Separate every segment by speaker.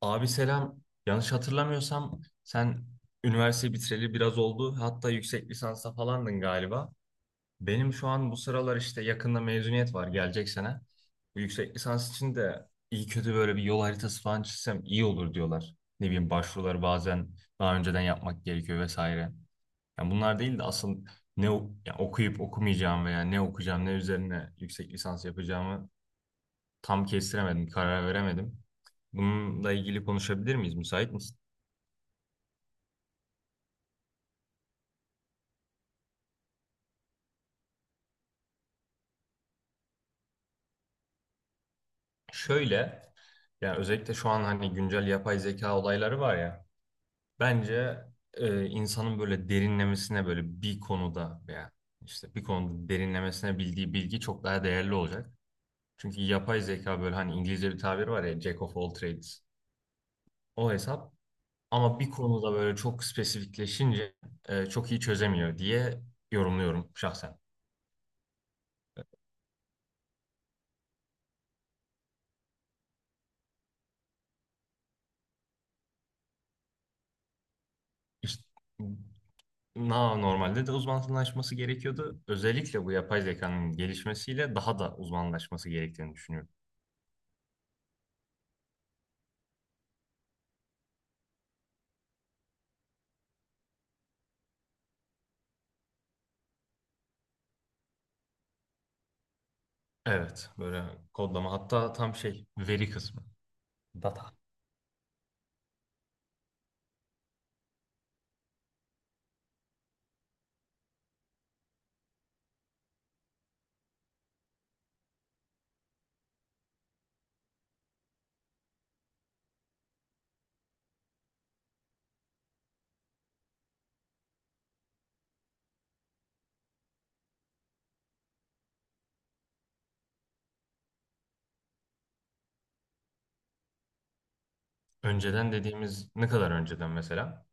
Speaker 1: Abi selam. Yanlış hatırlamıyorsam sen üniversite bitireli biraz oldu. Hatta yüksek lisansa falandın galiba. Benim şu an bu sıralar işte yakında mezuniyet var gelecek sene. Bu yüksek lisans için de iyi kötü böyle bir yol haritası falan çizsem iyi olur diyorlar. Ne bileyim başvuruları bazen daha önceden yapmak gerekiyor vesaire. Yani bunlar değil de asıl yani okuyup okumayacağım veya ne okuyacağım ne üzerine yüksek lisans yapacağımı tam kestiremedim, karar veremedim. Bununla ilgili konuşabilir miyiz? Müsait misin? Şöyle, yani özellikle şu an hani güncel yapay zeka olayları var ya, bence insanın böyle derinlemesine böyle bir konuda veya işte bir konuda derinlemesine bildiği bilgi çok daha değerli olacak. Çünkü yapay zeka böyle hani İngilizce bir tabir var ya, Jack of all trades, o hesap. Ama bir konuda böyle çok spesifikleşince çok iyi çözemiyor diye yorumluyorum şahsen. İşte normalde de uzmanlaşması gerekiyordu. Özellikle bu yapay zekanın gelişmesiyle daha da uzmanlaşması gerektiğini düşünüyorum. Evet, böyle kodlama hatta tam şey veri kısmı, data. Önceden dediğimiz ne kadar önceden mesela?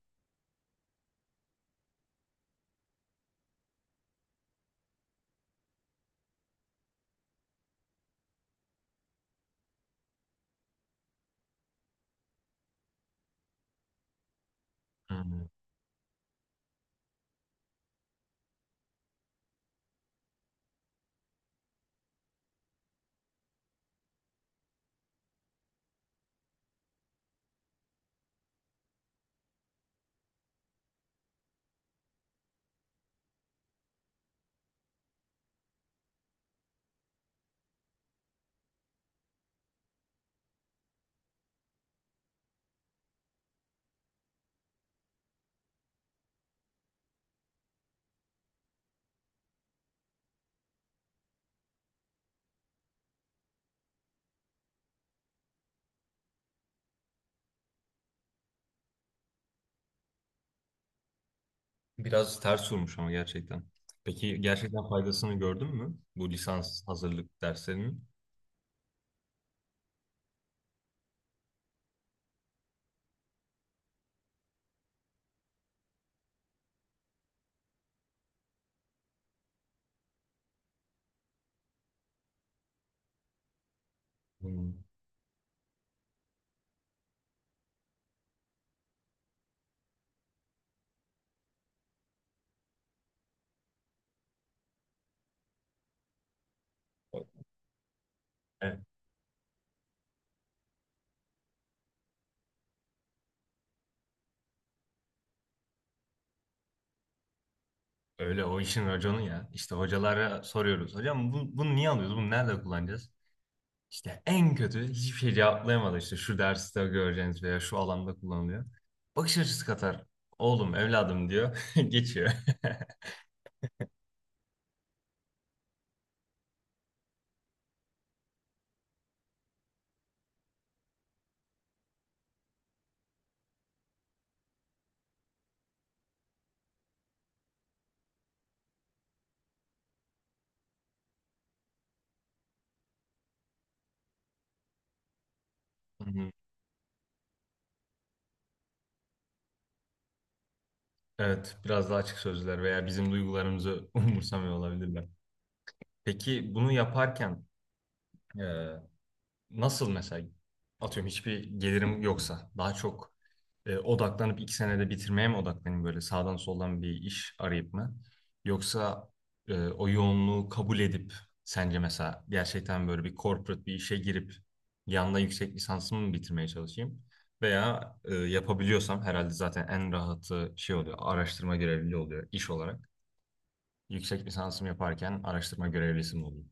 Speaker 1: Hmm. Biraz ters vurmuş ama gerçekten. Peki gerçekten faydasını gördün mü bu lisans hazırlık derslerinin? Hmm. Evet, öyle o işin raconu ya. İşte hocalara soruyoruz. Hocam bunu niye alıyoruz? Bunu nerede kullanacağız? İşte en kötü hiçbir şey cevaplayamadı, işte şu derste göreceğiniz veya şu alanda kullanılıyor. Bakış açısı katar. Oğlum evladım diyor. Geçiyor. Hı hı. Evet, biraz daha açık sözler veya bizim duygularımızı umursamıyor olabilirler. Peki bunu yaparken e, Nasıl mesela atıyorum, hiçbir gelirim yoksa daha çok odaklanıp 2 senede bitirmeye mi odaklanayım, böyle sağdan soldan bir iş arayıp mı? Yoksa o yoğunluğu kabul edip sence mesela gerçekten böyle bir corporate bir işe girip yanında yüksek lisansımı mı bitirmeye çalışayım? Veya yapabiliyorsam herhalde zaten en rahatı şey oluyor, araştırma görevliliği oluyor iş olarak. Yüksek lisansımı yaparken araştırma görevlisi mi olayım?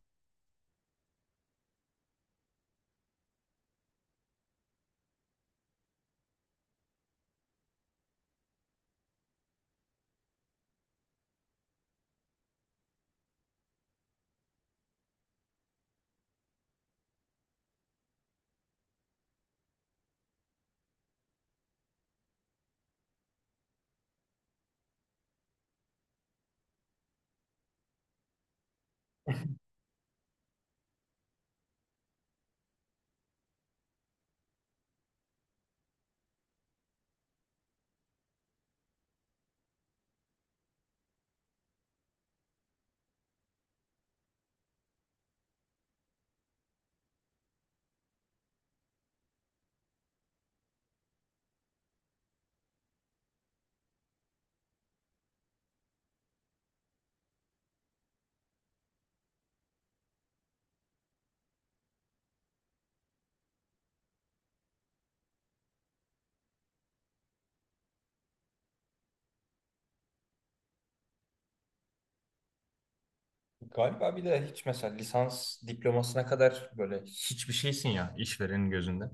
Speaker 1: Galiba bir de hiç mesela lisans diplomasına kadar böyle hiçbir şeysin ya işverenin gözünde.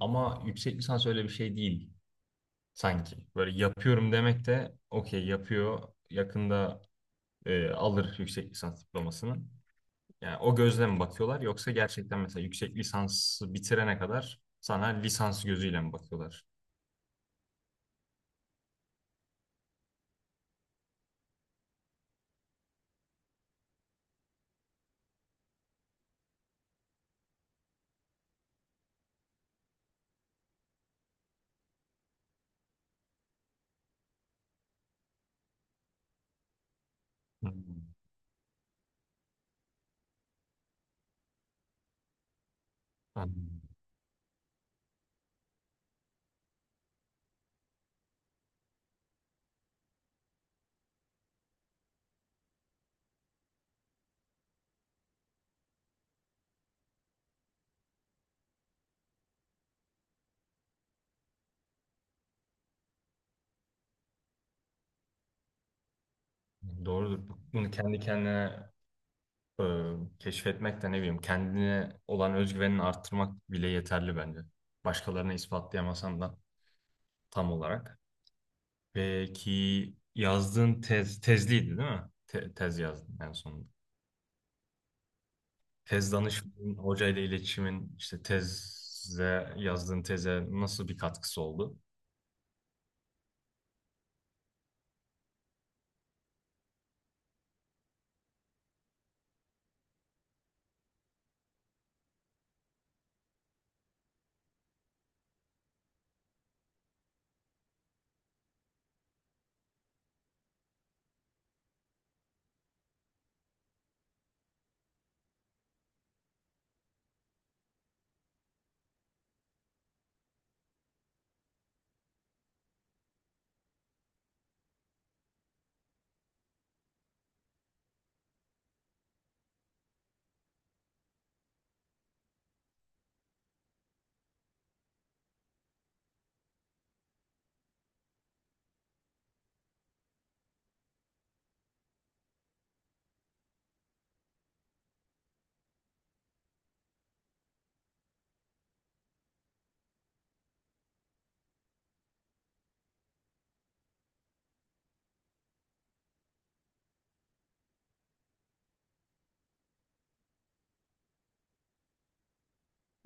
Speaker 1: Ama yüksek lisans öyle bir şey değil sanki. Böyle yapıyorum demek de okey, yapıyor, yakında alır yüksek lisans diplomasını. Yani o gözle mi bakıyorlar yoksa gerçekten mesela yüksek lisansı bitirene kadar sana lisans gözüyle mi bakıyorlar? Hmm, anladım. Doğrudur. Bunu kendi kendine e, keşfetmek de, ne bileyim, kendine olan özgüvenini arttırmak bile yeterli bence. Başkalarına ispatlayamasan da tam olarak. Peki yazdığın tez, tezliydi değil mi? Tez yazdın en sonunda. Tez danışmanın, hocayla iletişimin, işte yazdığın teze nasıl bir katkısı oldu?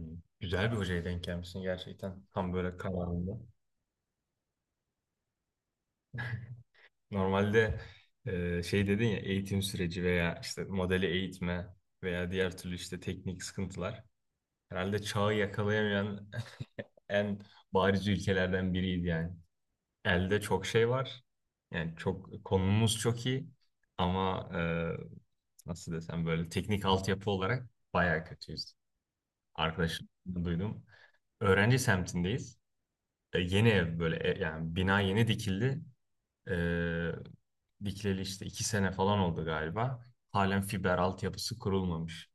Speaker 1: Hı. Güzel bir hocaya denk gelmişsin gerçekten. Tam böyle kararında. Normalde şey dedin ya, eğitim süreci veya işte modeli eğitme veya diğer türlü işte teknik sıkıntılar. Herhalde çağı yakalayamayan en bariz ülkelerden biriydi yani. Elde çok şey var. Yani çok, konumuz çok iyi ama nasıl desem böyle teknik altyapı olarak bayağı kötüyüz. Arkadaşım, duydum. Öğrenci semtindeyiz. E, yeni ev, böyle yani bina yeni dikildi. E, dikileli işte 2 sene falan oldu galiba. Halen fiber altyapısı kurulmamış.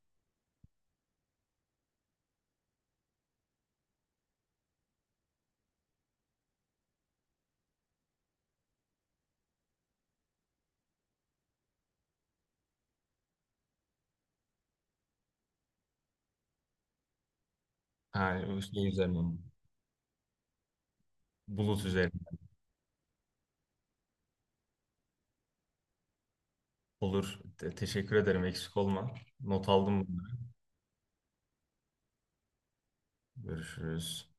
Speaker 1: Yani şey üzerine, bulut üzerine. Olur. Teşekkür ederim. Eksik olma. Not aldım bunları. Görüşürüz.